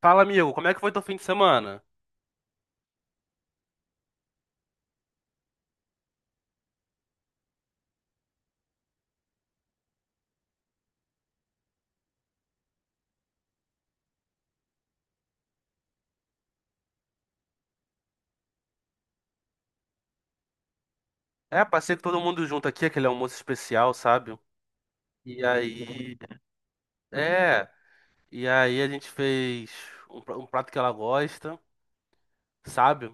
Fala, amigo, como é que foi teu fim de semana? É, passei com todo mundo junto aqui, aquele almoço especial, sabe? E aí, é, a gente fez um prato que ela gosta, sabe?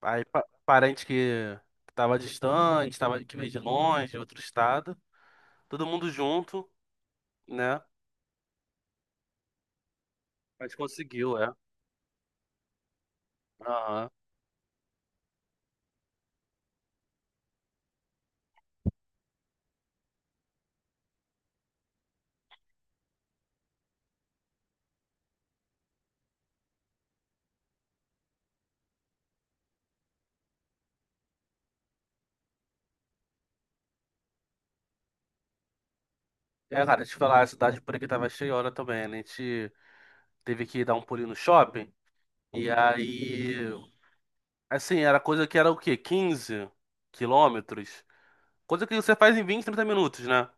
Aí parente que tava distante, tava, que veio de longe, de outro estado, todo mundo junto, né? A gente conseguiu, é. Aham. É, cara, deixa eu te falar, a cidade por aqui tava cheia hora também, né? A gente teve que dar um pulinho no shopping, e aí. Assim, era coisa que era o quê? 15 quilômetros? Coisa que você faz em 20, 30 minutos, né?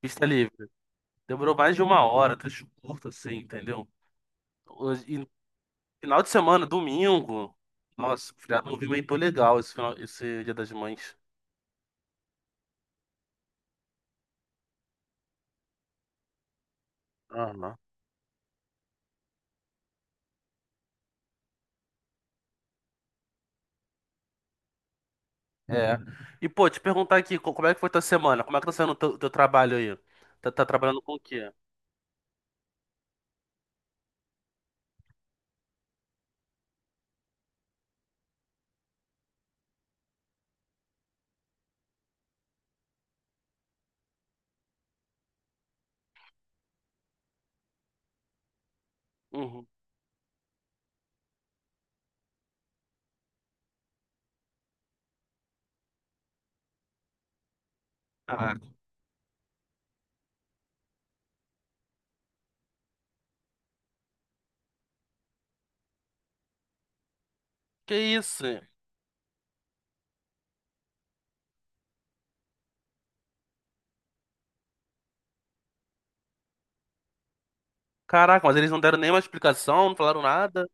Pista livre. Demorou mais de uma hora, trecho curto, assim, entendeu? E final de semana, domingo. Nossa, o feriado movimentou legal esse, final, esse Dia das Mães. Aham. É. E, pô, te perguntar aqui, como é que foi tua semana? Como é que tá sendo o teu trabalho aí? Tá trabalhando com o quê? Uhum. Ah, que isso? Caraca, mas eles não deram nenhuma explicação, não falaram nada?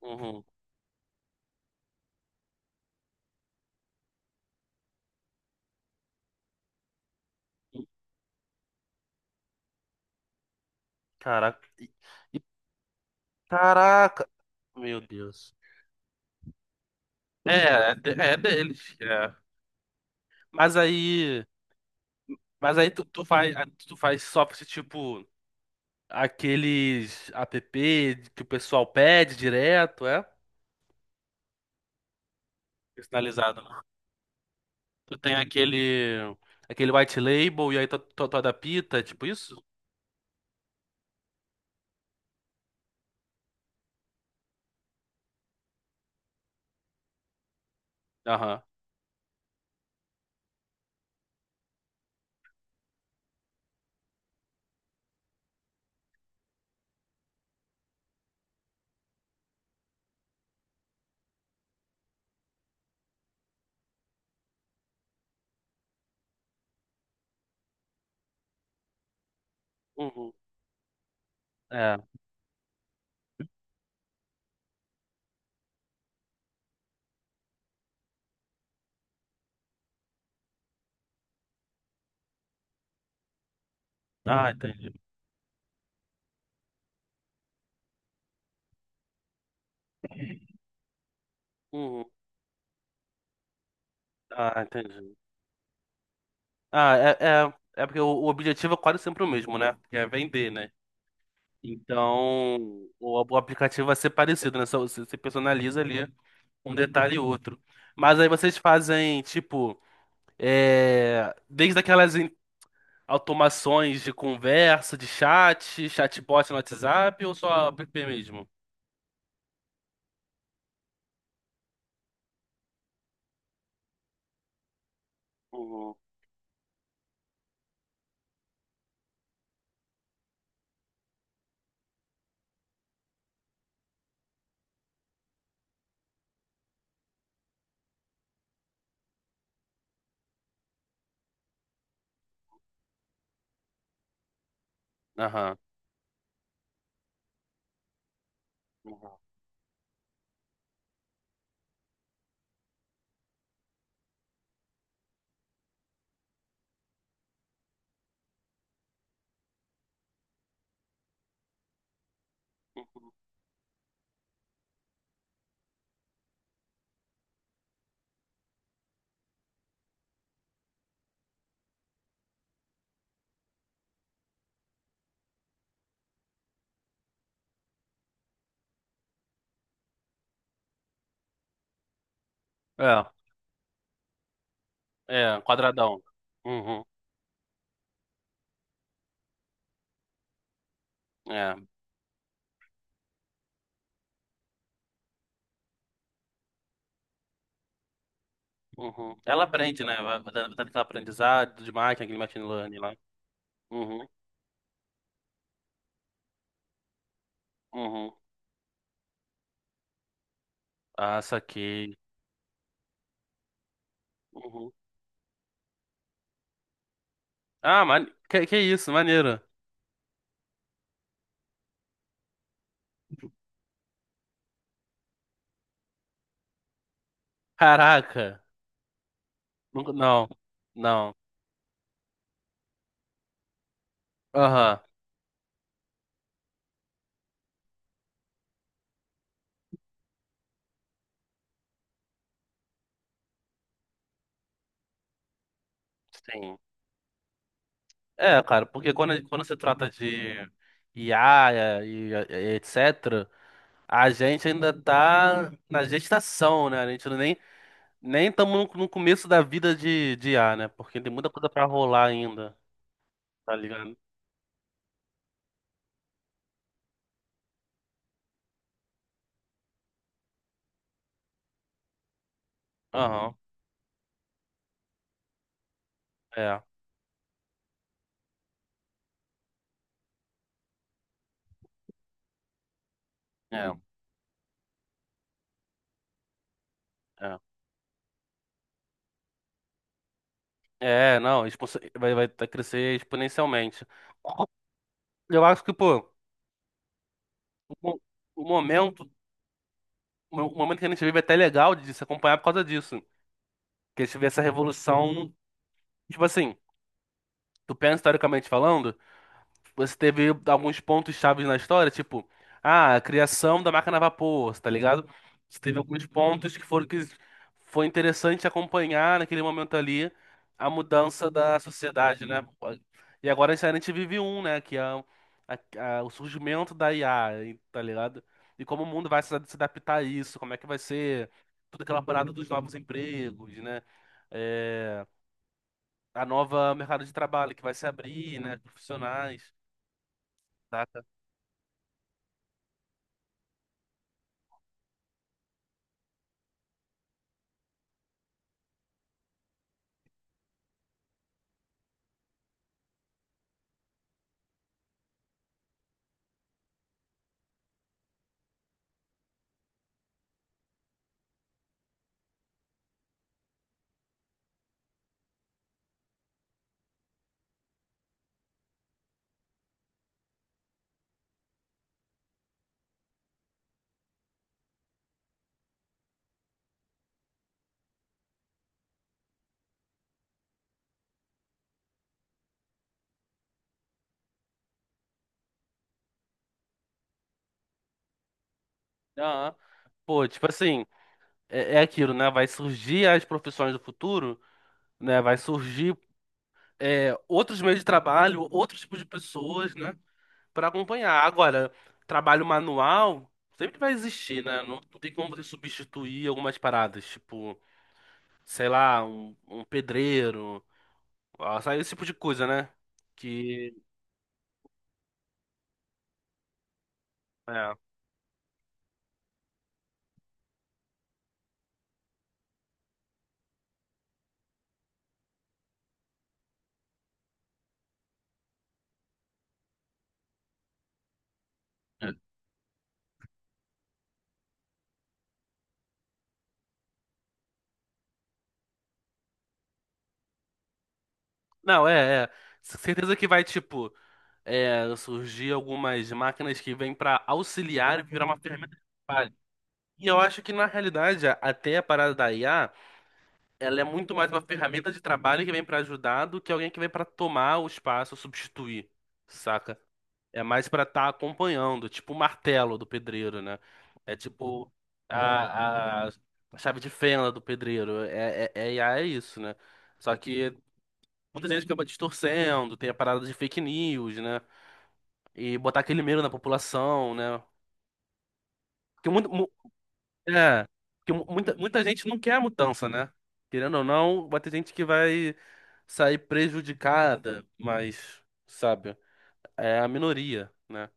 Uhum. Caraca. Caraca! Meu Deus. É, é deles. É. Mas aí. Mas aí tu faz só pra esse tipo aqueles app que o pessoal pede direto, é? Personalizado, né? Tu tem aquele white label e aí tu adapta, é tipo isso? Aham. Uhum. É. Ah, entendi. Uhum. Ah, entendi. Ah, é, porque o objetivo é quase sempre o mesmo, né? Que é vender, né? Então, o aplicativo vai ser parecido, né? Só você personaliza ali um detalhe e outro. Mas aí vocês fazem, tipo, é, desde aquelas automações de conversa, de chat, chatbot no WhatsApp ou só app mesmo? Uhum. Aham. Uhum. É, é, quadradão. Uhum. É. Uhum. Ela aprende, né? Vai dando aquele aprendizado de máquina, aquele machine learning lá. Uhum. Uhum. Ah, saquei. Ah, mane... que isso, maneiro. Caraca. Não, não. Aham, sim. É, cara, porque quando se trata de IA e etc., a gente ainda tá na gestação, né? A gente não nem estamos no começo da vida de IA, né? Porque tem muita coisa pra rolar ainda, tá ligado? Aham, é, é, é. É, não, vai tá crescer exponencialmente. Eu acho que, pô, o, mo- o momento o momento que a gente vive é até legal de se acompanhar por causa disso. Que a gente vê essa revolução, tipo assim, tu pensa historicamente falando. Você teve alguns pontos chaves na história, tipo, ah, a criação da máquina a vapor, tá ligado? Você teve alguns pontos que foram que foi interessante acompanhar naquele momento ali a mudança da sociedade, né? E agora a gente vive um, né? Que é o surgimento da IA, tá ligado? E como o mundo vai se adaptar a isso, como é que vai ser toda aquela parada dos novos empregos, né? É, a nova mercado de trabalho que vai se abrir, né? Profissionais. Tá? Aham. Pô, tipo assim, é aquilo, né? Vai surgir as profissões do futuro, né? Vai surgir é, outros meios de trabalho, outros tipos de pessoas, né? Pra acompanhar. Agora, trabalho manual sempre vai existir, né? Não, não tem como você substituir algumas paradas, tipo, sei lá, um pedreiro, ó, sabe? Esse tipo de coisa, né? Que. É. Não, é, é. Certeza que vai, tipo, surgir algumas máquinas que vêm para auxiliar e virar uma ferramenta de trabalho. E eu acho que, na realidade, até a parada da IA, ela é muito mais uma ferramenta de trabalho que vem para ajudar do que alguém que vem para tomar o espaço, substituir, saca? É mais para estar acompanhando, tipo o martelo do pedreiro, né? É tipo a, a, a chave de fenda do pedreiro. IA é isso, né? Só que muita gente acaba distorcendo, tem a parada de fake news, né? E botar aquele medo na população, né? Porque, muito, mu- é, porque mu- muita, muita gente não quer a mudança, né? Querendo ou não, vai ter gente que vai sair prejudicada, mas, sabe, é a minoria, né?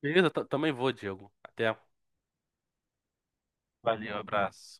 Beleza, também vou, Diego. Até. Valeu, abraço.